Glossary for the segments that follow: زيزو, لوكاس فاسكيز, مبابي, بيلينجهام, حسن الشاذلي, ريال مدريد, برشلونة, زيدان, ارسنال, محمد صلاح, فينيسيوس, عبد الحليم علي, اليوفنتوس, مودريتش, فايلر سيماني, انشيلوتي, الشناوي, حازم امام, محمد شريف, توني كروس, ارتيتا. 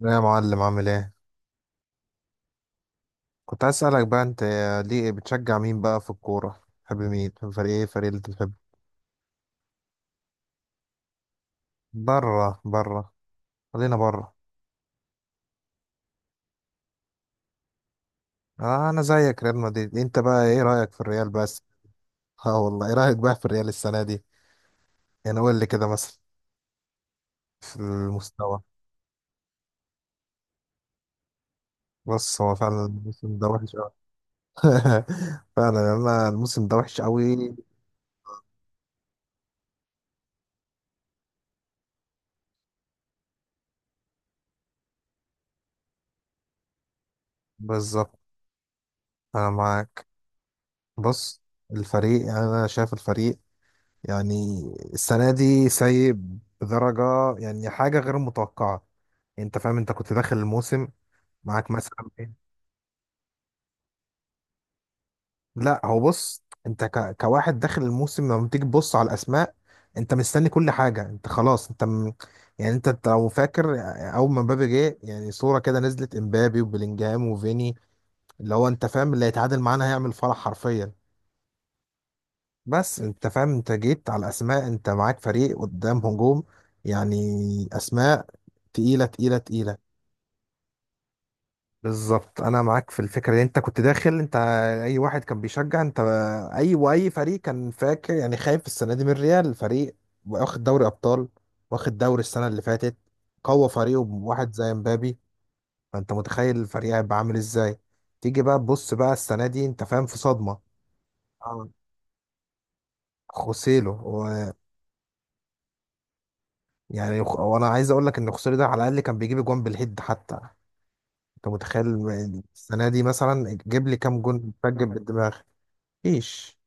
يا معلم، عامل ايه؟ كنت عايز اسالك بقى، انت ليه بتشجع مين بقى في الكوره؟ بتحب مين؟ بتحب فريق ايه؟ فريق اللي انت بتحبه؟ بره، بره. خلينا بره. آه، انا زيك ريال مدريد. انت بقى ايه رايك في الريال بس؟ اه والله، ايه رايك بقى في الريال السنه دي؟ يعني قول لي كده مثلا، في المستوى. بص، هو فعلا الموسم ده وحش قوي. فعلا، انا الموسم ده وحش قوي. بالظبط، انا معاك. بص، الفريق يعني انا شايف الفريق، يعني السنة دي سيء بدرجة، يعني حاجة غير متوقعة. انت فاهم؟ انت كنت داخل الموسم، معاك مثلا ايه؟ لا، هو بص، انت كواحد داخل الموسم لما تيجي تبص على الاسماء، انت مستني كل حاجة، انت خلاص، يعني انت لو فاكر، اول ما مبابي جه يعني صورة كده نزلت امبابي وبيلينجهام وفيني، اللي هو انت فاهم اللي هيتعادل معانا هيعمل فرح حرفيا. بس انت فاهم، انت جيت على اسماء، انت معاك فريق قدام هجوم، يعني اسماء تقيله، تقيله، تقيله. بالظبط، انا معاك في الفكره دي. انت كنت داخل، انت اي واحد كان بيشجع، انت اي فريق كان فاكر، يعني خايف السنه دي من الريال، فريق واخد دوري ابطال، واخد دوري السنه اللي فاتت، قوى فريقه بواحد زي مبابي. فانت متخيل الفريق هيبقى عامل ازاي؟ تيجي بقى تبص بقى السنه دي، انت فاهم، في صدمه. اه، خوسيلو. يعني وانا عايز اقول لك ان خسوري ده على الاقل كان بيجيب جوان بالهيد حتى. انت متخيل، السنه دي مثلا جيب لي كام جون سجل بالدماغ؟ مفيش.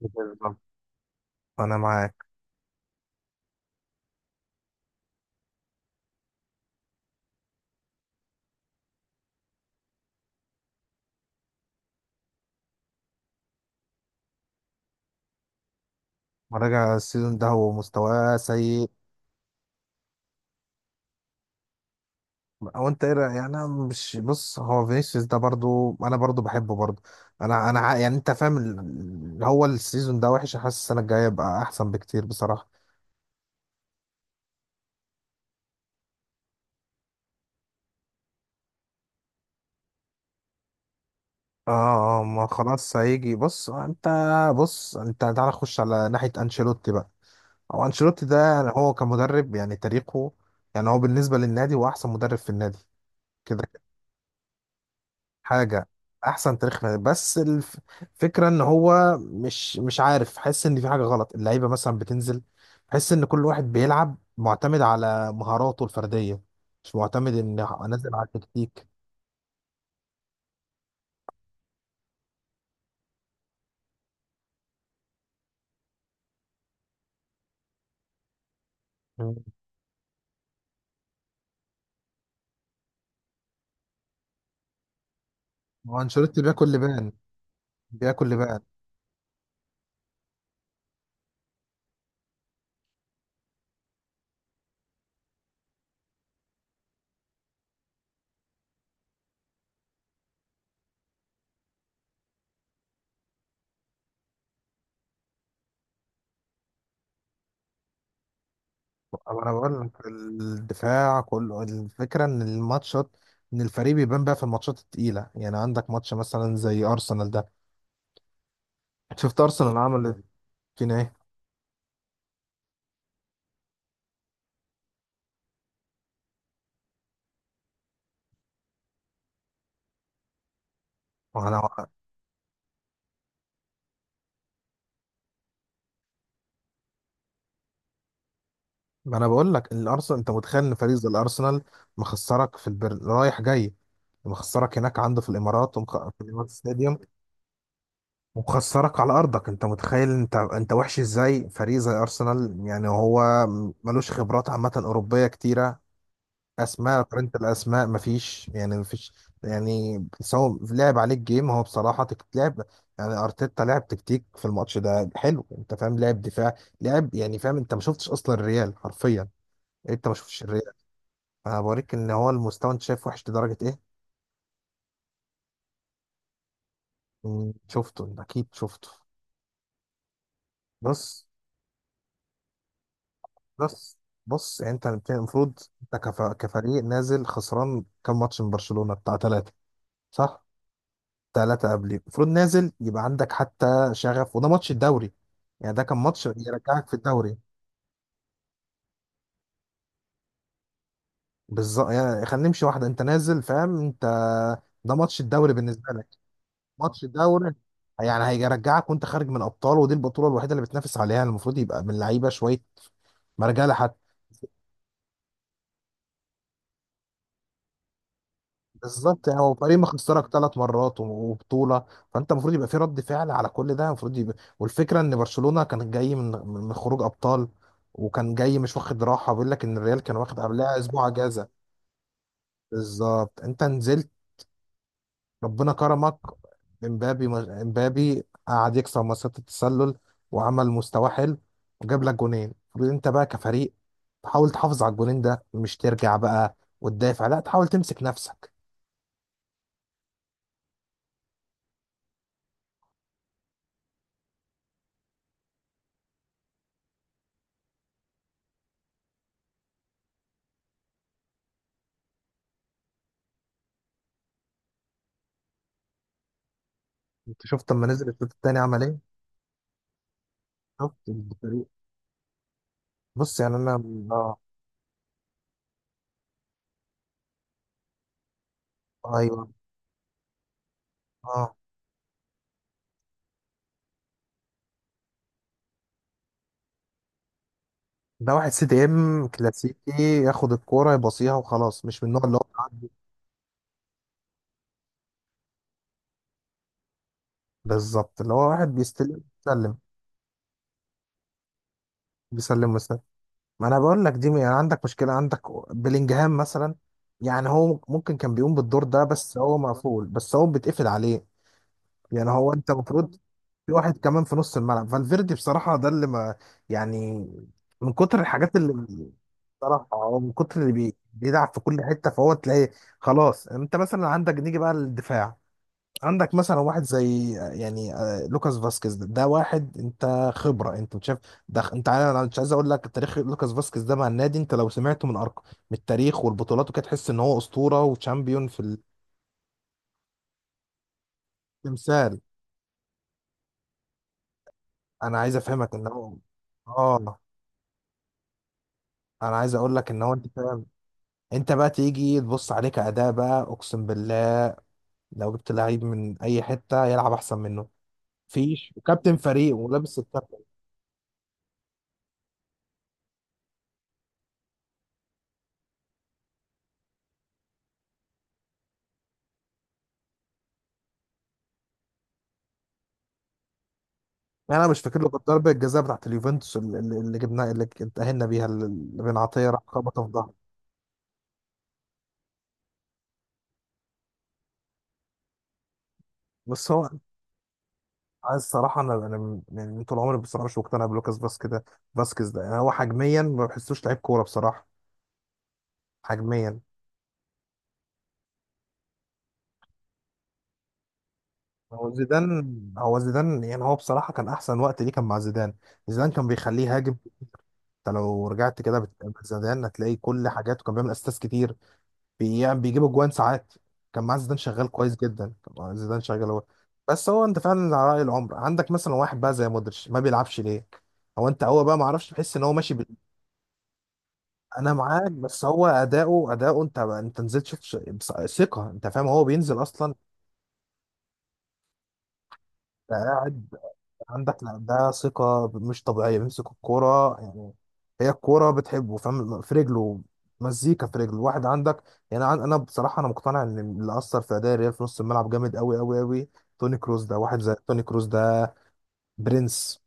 بالظبط، انا معاك. مراجع السيزون ده، هو مستواه سيء. او انت ايه رأيك؟ يعني انا مش، بص، هو فينيسيوس ده برضو انا برضو بحبه برضو. انا يعني انت فاهم، هو السيزون ده وحش، حاسس السنه الجايه يبقى احسن بكتير بصراحه. اه. ما خلاص هيجي. بص انت، بص انت تعالى خش على ناحيه انشيلوتي بقى. هو انشيلوتي ده، يعني هو كمدرب، يعني تاريخه، يعني هو بالنسبه للنادي هو احسن مدرب في النادي. كده كده. حاجه، احسن تاريخ في النادي. بس الفكره ان هو مش عارف، حس ان في حاجه غلط، اللعيبه مثلا بتنزل، حس ان كل واحد بيلعب معتمد على مهاراته الفرديه، مش معتمد ان انزل على التكتيك. مم. هو انشيلوتي بياكل لبان، بياكل لبان. أو، انا بقول لك الدفاع كله، الفكره ان الماتشات، ان الفريق بيبان بقى في الماتشات التقيله، يعني عندك ماتش مثلا زي ارسنال ده، شفت ارسنال عمل فينا ايه؟ ما انا ما انا بقول لك الارسنال، انت متخيل ان فريق زي الارسنال مخسرك في رايح جاي، مخسرك هناك عنده في الامارات في الامارات ستاديوم، ومخسرك على ارضك. انت متخيل انت وحش ازاي؟ فريق زي ارسنال يعني هو ملوش خبرات عامه اوروبيه كتيره، اسماء، قارنة الاسماء مفيش، يعني مفيش. يعني سواء لعب عليك جيم، هو بصراحه تلعب، يعني ارتيتا لعب تكتيك في الماتش ده حلو، انت فاهم، لعب دفاع، لعب، يعني فاهم، انت ما شفتش اصلا الريال حرفيا، يعني انت ما شفتش الريال. انا بوريك ان هو المستوى انت شايف وحش لدرجه ايه. مم، شفته، انت اكيد شفته. بص، بص، بص، يعني انت المفروض، انت كفريق نازل خسران كام ماتش من برشلونه بتاع ثلاثه، صح؟ ثلاثة قبليه، المفروض نازل يبقى عندك حتى شغف، وده ماتش الدوري، يعني ده كان ماتش يرجعك في الدوري. بالظبط، يعني خلينا نمشي واحدة، انت نازل فاهم، انت ده ماتش الدوري بالنسبة لك، ماتش الدوري، يعني هيرجعك وانت خارج من الابطال، ودي البطولة الوحيدة اللي بتنافس عليها، المفروض يبقى من اللعيبة شوية مرجع لحد. بالظبط، يعني هو فريق مخسرك ثلاث مرات وبطوله، فانت المفروض يبقى في رد فعل على كل ده، المفروض يبقى، والفكره ان برشلونه كان جاي من خروج ابطال، وكان جاي مش واخد راحه، بيقول لك ان الريال كان واخد قبلها اسبوع اجازه. بالظبط، انت نزلت ربنا كرمك امبابي امبابي قعد يكسر مسات التسلل، وعمل مستوى حلو، وجاب لك جونين. المفروض انت بقى كفريق تحاول تحافظ على الجونين ده، مش ترجع بقى وتدافع، لا تحاول تمسك نفسك. انت شفت لما نزل الشوط التاني عمل ايه؟ شفت الفريق؟ بص يعني انا، اه، ايوه، اه، ده واحد سي دي ام كلاسيكي، ياخد الكوره يباصيها وخلاص، مش من النوع اللي هو بيعدي. بالظبط، اللي هو واحد بيستلم بيسلم، بيسلم ويسلم. ما انا بقول لك دي، يعني عندك مشكله. عندك بلينجهام مثلا، يعني هو ممكن كان بيقوم بالدور ده، بس هو مقفول، بس هو بيتقفل عليه. يعني هو انت المفروض، في واحد كمان في نص الملعب، فالفيردي بصراحة ده اللي ما، يعني من كتر الحاجات اللي، بصراحة أو من كتر اللي بيلعب في كل حتة فهو تلاقي. خلاص، انت مثلا عندك، نيجي بقى للدفاع، عندك مثلا واحد زي، يعني لوكاس فاسكيز ده, ده واحد انت خبرة، انت مش شايف؟ ده انت عارف، انا مش عايز اقول لك تاريخ لوكاس فاسكيز ده مع النادي، انت لو سمعته من ارقام، من التاريخ والبطولات وكده، تحس ان هو اسطورة وشامبيون في التمثال. انا عايز افهمك ان هو، اه انا عايز اقول لك ان هو، انت فاهم، انت بقى تيجي تبص عليك اداء بقى، اقسم بالله لو جبت لعيب من اي حته يلعب احسن منه مفيش، وكابتن فريق ولابس الكابتن. يعني انا مش فاكر له غير ضربه الجزاء بتاعت اليوفنتوس اللي جبناها، اللي اتاهلنا بيها، اللي بن عطيه راح خبطه في ظهره. بس هو عايز الصراحه، انا يعني طول عمري بصراحه مش مقتنع بلوكاس فاسكيز ده. فاسكيز ده، يعني هو حجميا ما بحسوش لعيب كوره بصراحه، حجميا. هو زيدان هو زيدان، يعني هو بصراحه كان احسن وقت ليه كان مع زيدان. زيدان كان بيخليه يهاجم، انت لو رجعت كده زيدان هتلاقي كل حاجاته، كان بيعمل اسيستات كتير، بيعمل بيجيب اجوان ساعات، كان معاه زيدان شغال كويس جدا، كان معاه زيدان شغال هو. بس هو، انت فعلا على راي العمر، عندك مثلا واحد بقى زي مودريتش ما بيلعبش ليه؟ هو انت هو بقى ما اعرفش، بحس ان هو ماشي انا معاك، بس هو اداؤه انت نزلت شفت ثقه، انت فاهم، هو بينزل اصلا، انت قاعد عندك، لا، ده ثقة مش طبيعية، بيمسك الكورة يعني، هي الكورة بتحبه، فاهم، في رجله، مزيكا في رجله، واحد عندك. يعني أنا بصراحة، أنا مقتنع إن اللي أثر في أداء الريال في نص الملعب جامد أوي أوي أوي، توني كروس ده. واحد زي توني كروس ده برنس،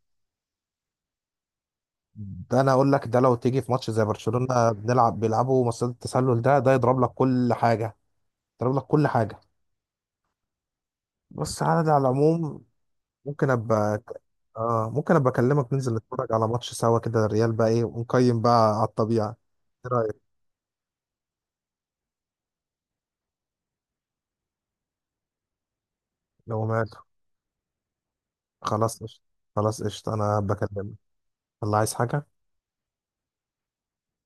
ده أنا أقول لك، ده لو تيجي في ماتش زي برشلونة بنلعب، بيلعبوا مصيدة التسلل، ده يضرب لك كل حاجة، يضرب لك كل حاجة. بس على ده، على العموم، ممكن ابقى، اه ممكن ابقى اكلمك ننزل نتفرج على ماتش سوا كده الريال بقى ايه، ونقيم بقى على الطبيعة. ايه رأيك؟ لو ماله، خلاص قشطة، خلاص قشطة انا بكلمك. الله، عايز حاجة؟